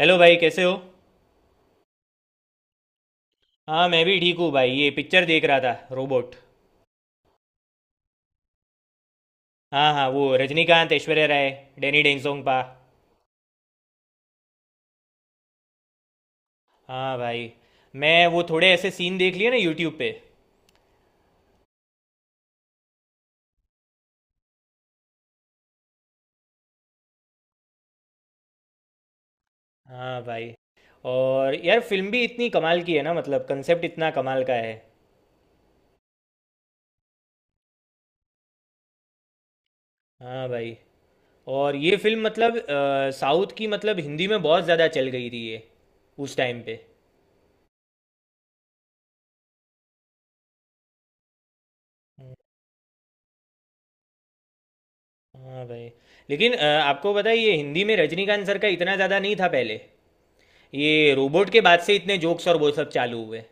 Hello भाई, कैसे हो। हाँ, मैं भी ठीक हूँ भाई। ये पिक्चर देख रहा था, रोबोट। हाँ हाँ, वो रजनीकांत, ऐश्वर्या राय, डैनी डेंगसोंगपा। हाँ भाई, मैं वो थोड़े ऐसे सीन देख लिए ना यूट्यूब पे। हाँ भाई, और यार फिल्म भी इतनी कमाल की है ना, मतलब कंसेप्ट इतना कमाल का है। हाँ भाई, और ये फिल्म मतलब साउथ की, मतलब हिंदी में बहुत ज़्यादा चल गई थी ये उस टाइम पे। हाँ भाई, लेकिन आपको पता है ये हिंदी में रजनीकांत सर का इतना ज़्यादा नहीं था पहले। ये रोबोट के बाद से इतने जोक्स और वो सब चालू हुए।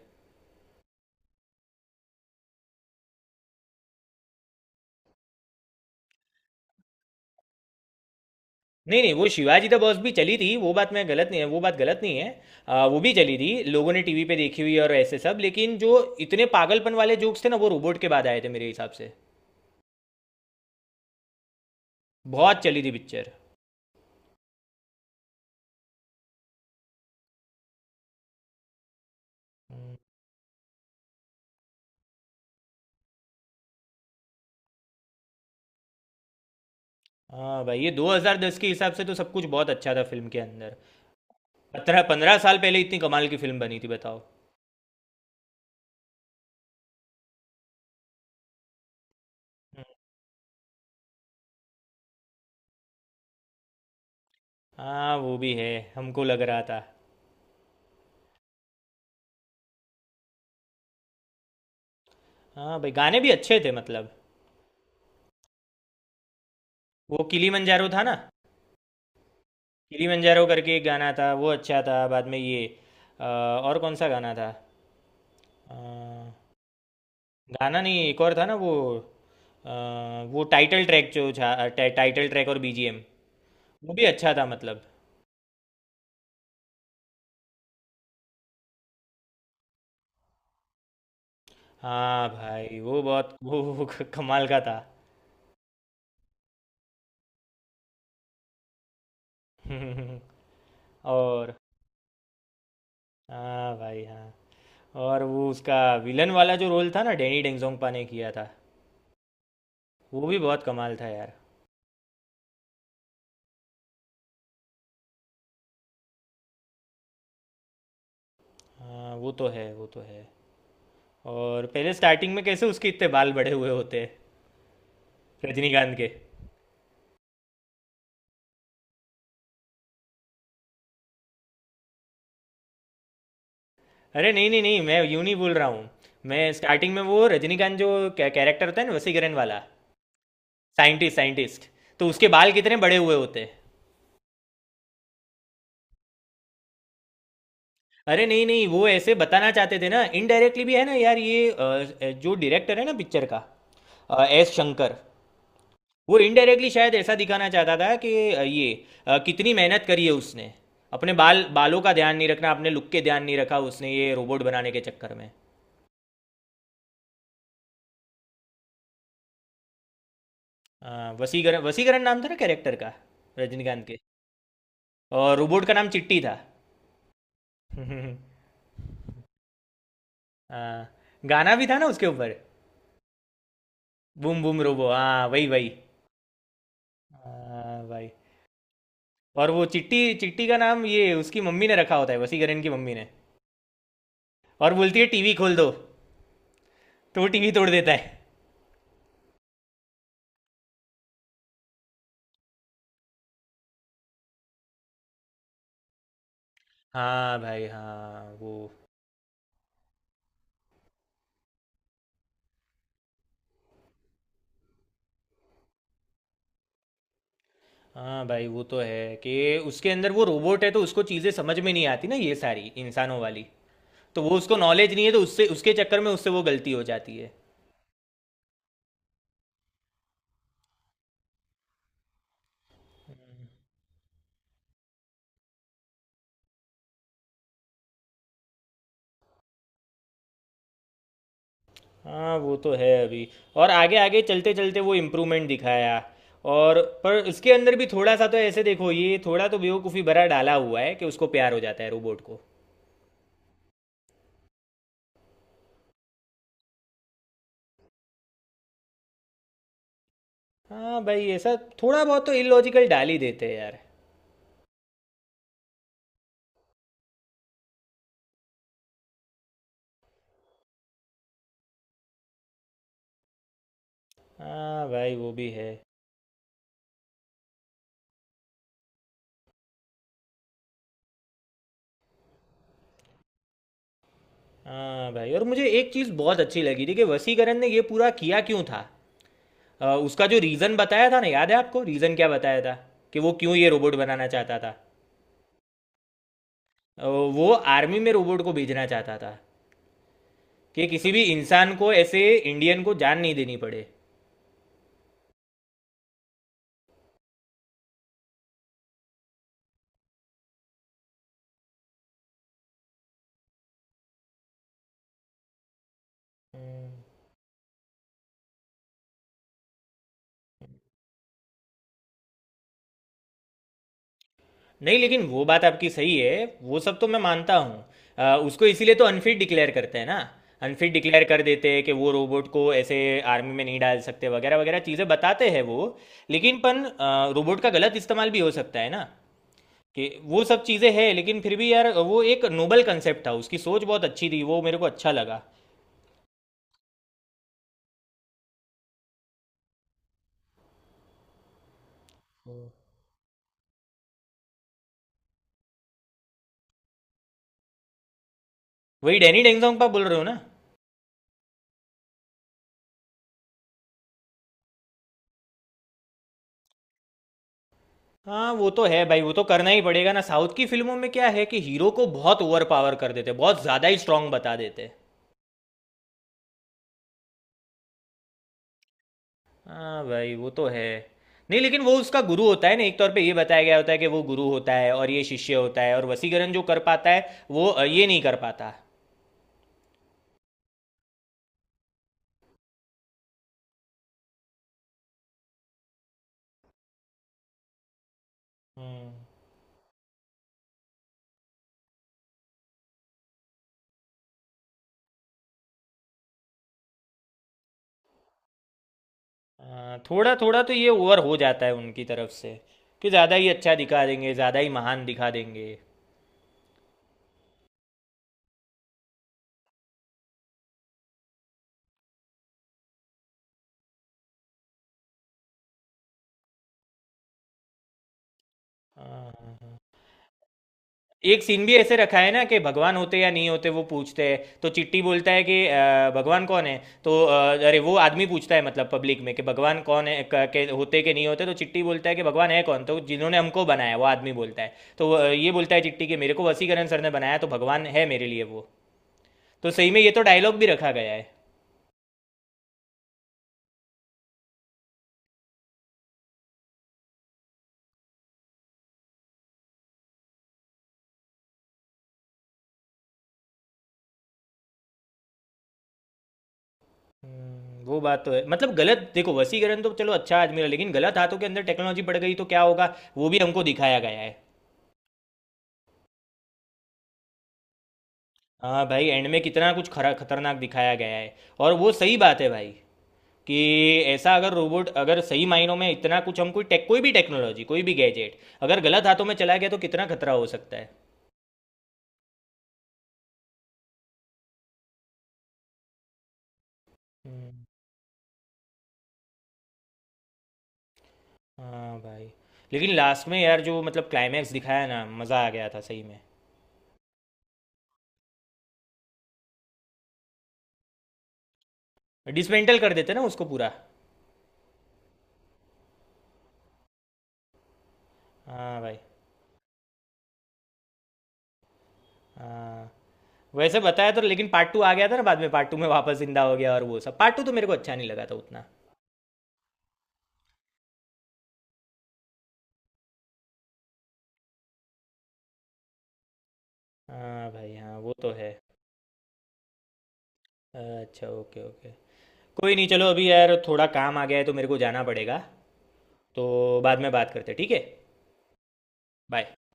नहीं नहीं, वो शिवाजी द बॉस भी चली थी। वो बात मैं गलत नहीं है, वो बात गलत नहीं है। वो भी चली थी, लोगों ने टीवी पे देखी हुई और ऐसे सब, लेकिन जो इतने पागलपन वाले जोक्स थे ना वो रोबोट के बाद आए थे मेरे हिसाब से। बहुत चली थी पिक्चर। हाँ भाई, ये 2010 के हिसाब से तो सब कुछ बहुत अच्छा था फिल्म के अंदर। पंद्रह पंद्रह साल पहले इतनी कमाल की फिल्म बनी थी, बताओ। हाँ, वो भी है, हमको लग रहा था। हाँ भाई, गाने भी अच्छे थे मतलब। वो किलीमंजारो था ना। किलिमंजारो करके एक गाना था, वो अच्छा था। बाद में ये और कौन सा गाना था? अ, गाना नहीं, एक और था ना वो। वो टाइटल ट्रैक जो था, टाइटल ट्रैक और बीजीएम। वो भी अच्छा था मतलब। हाँ भाई, वो बहुत कमाल का था। और हाँ भाई, हाँ। और वो उसका विलन वाला जो रोल था ना, डेनी डेंगजोंगपा ने किया था। वो भी बहुत कमाल था यार। हाँ, वो तो है, वो तो है। और पहले स्टार्टिंग में कैसे उसके इतने बाल बड़े हुए होते हैं। रजनीकांत के। अरे नहीं नहीं नहीं, मैं यूं नहीं बोल रहा हूँ। मैं स्टार्टिंग में वो रजनीकांत जो कैरेक्टर होता है ना, वसीकरण वाला। Scientist scientist. तो उसके बाल कितने बड़े हुए होते हैं। अरे नहीं नहीं, वो ऐसे बताना चाहते थे ना, इनडायरेक्टली भी है ना यार, ये जो डायरेक्टर है ना पिक्चर का, एस शंकर। वो इनडायरेक्टली शायद ऐसा दिखाना चाहता था कि ये कितनी मेहनत करी है उसने। अपने बालों का ध्यान नहीं रखना, अपने लुक के ध्यान नहीं रखा उसने, ये रोबोट बनाने के चक्कर में। वसीकरण वसीकरण नाम था ना कैरेक्टर का, रजनीकांत के। और रोबोट का नाम चिट्टी था। हाँ, गाना भी था ना उसके ऊपर। बूम बूम रोबो, हाँ वही वही। हाँ भाई, और वो चिट्टी चिट्टी का नाम ये उसकी मम्मी ने रखा होता है, वसीकरण की मम्मी ने। और बोलती है टीवी खोल दो, तो वो टीवी तोड़ देता है। हाँ भाई, हाँ वो। हाँ भाई, वो तो है कि उसके अंदर वो रोबोट है तो उसको चीज़ें समझ में नहीं आती ना, ये सारी इंसानों वाली। तो वो उसको नॉलेज नहीं है, तो उससे उसके चक्कर में उससे वो गलती हो जाती है। हाँ, वो तो है अभी। और आगे आगे चलते चलते वो इम्प्रूवमेंट दिखाया। और पर उसके अंदर भी थोड़ा सा तो ऐसे देखो, ये थोड़ा तो बेवकूफ़ी भरा डाला हुआ है कि उसको प्यार हो जाता है रोबोट को। हाँ भाई, ऐसा थोड़ा बहुत तो इलॉजिकल डाल ही देते हैं यार। हाँ भाई, वो भी है। हाँ भाई, और मुझे एक चीज़ बहुत अच्छी लगी थी कि वसीकरण ने ये पूरा किया क्यों था। उसका जो रीज़न बताया था ना, याद है आपको रीज़न क्या बताया था? कि वो क्यों ये रोबोट बनाना चाहता था। वो आर्मी में रोबोट को भेजना चाहता था। कि किसी भी इंसान को ऐसे, इंडियन को जान नहीं देनी पड़े। नहीं, लेकिन वो बात आपकी सही है। वो सब तो मैं मानता हूँ। उसको इसीलिए तो अनफिट डिक्लेयर करते हैं ना। अनफिट डिक्लेयर कर देते हैं कि वो रोबोट को ऐसे आर्मी में नहीं डाल सकते, वगैरह वगैरह चीज़ें बताते हैं वो। लेकिन पन रोबोट का गलत इस्तेमाल भी हो सकता है ना। कि वो सब चीज़ें हैं, लेकिन फिर भी यार वो एक नोबल कंसेप्ट था, उसकी सोच बहुत अच्छी थी, वो मेरे को अच्छा लगा। वही डैनी डेंगजोंग का बोल रहे हो ना? हाँ, वो तो है भाई, वो तो करना ही पड़ेगा ना। साउथ की फिल्मों में क्या है कि हीरो को बहुत ओवर पावर कर देते, बहुत ज़्यादा ही स्ट्रांग बता देते। हाँ भाई, वो तो है। नहीं, लेकिन वो उसका गुरु होता है ना, एक तौर पे ये बताया गया होता है कि वो गुरु होता है और ये शिष्य होता है, और वसीकरण जो कर पाता है वो ये नहीं कर पाता। हम्म। हाँ, थोड़ा थोड़ा तो ये ओवर हो जाता है उनकी तरफ से। कि ज़्यादा ही अच्छा दिखा देंगे, ज़्यादा ही महान दिखा देंगे। हाँ, एक सीन भी ऐसे रखा है ना कि भगवान होते या नहीं होते वो पूछते हैं, तो चिट्टी बोलता है कि भगवान कौन है। तो अरे वो आदमी पूछता है, मतलब पब्लिक में कि भगवान कौन है, के होते कि नहीं होते, तो चिट्टी बोलता है कि भगवान है कौन, तो जिन्होंने हमको बनाया, वो आदमी बोलता है, तो ये बोलता है चिट्टी कि मेरे को वसीकरण सर ने बनाया तो भगवान है मेरे लिए वो। तो सही में ये तो डायलॉग भी रखा गया है। वो बात तो है। मतलब गलत देखो, वसीकरण तो चलो अच्छा आदमी है, लेकिन गलत हाथों के अंदर टेक्नोलॉजी पड़ गई तो क्या होगा, वो भी हमको दिखाया गया है। हाँ भाई, एंड में कितना कुछ खरा खतरनाक दिखाया गया है। और वो सही बात है भाई, कि ऐसा अगर रोबोट, अगर सही मायनों में इतना कुछ, हम कोई टेक कोई भी टेक्नोलॉजी, कोई भी गैजेट अगर गलत हाथों में चला गया तो कितना खतरा हो सकता है। हम्म, हाँ भाई, लेकिन लास्ट में यार जो मतलब क्लाइमैक्स दिखाया ना, मज़ा आ गया था सही में। डिसमेंटल कर देते ना उसको पूरा। हाँ भाई, हाँ। वैसे बताया तो, लेकिन पार्ट टू आ गया था ना बाद में, पार्ट टू में वापस जिंदा हो गया और वो सब। पार्ट टू तो मेरे को अच्छा नहीं लगा था उतना। हाँ भाई, हाँ वो तो है। अच्छा, ओके ओके। कोई नहीं, चलो अभी यार थोड़ा काम आ गया है तो मेरे को जाना पड़ेगा। तो बाद में बात करते हैं, ठीक है। बाय।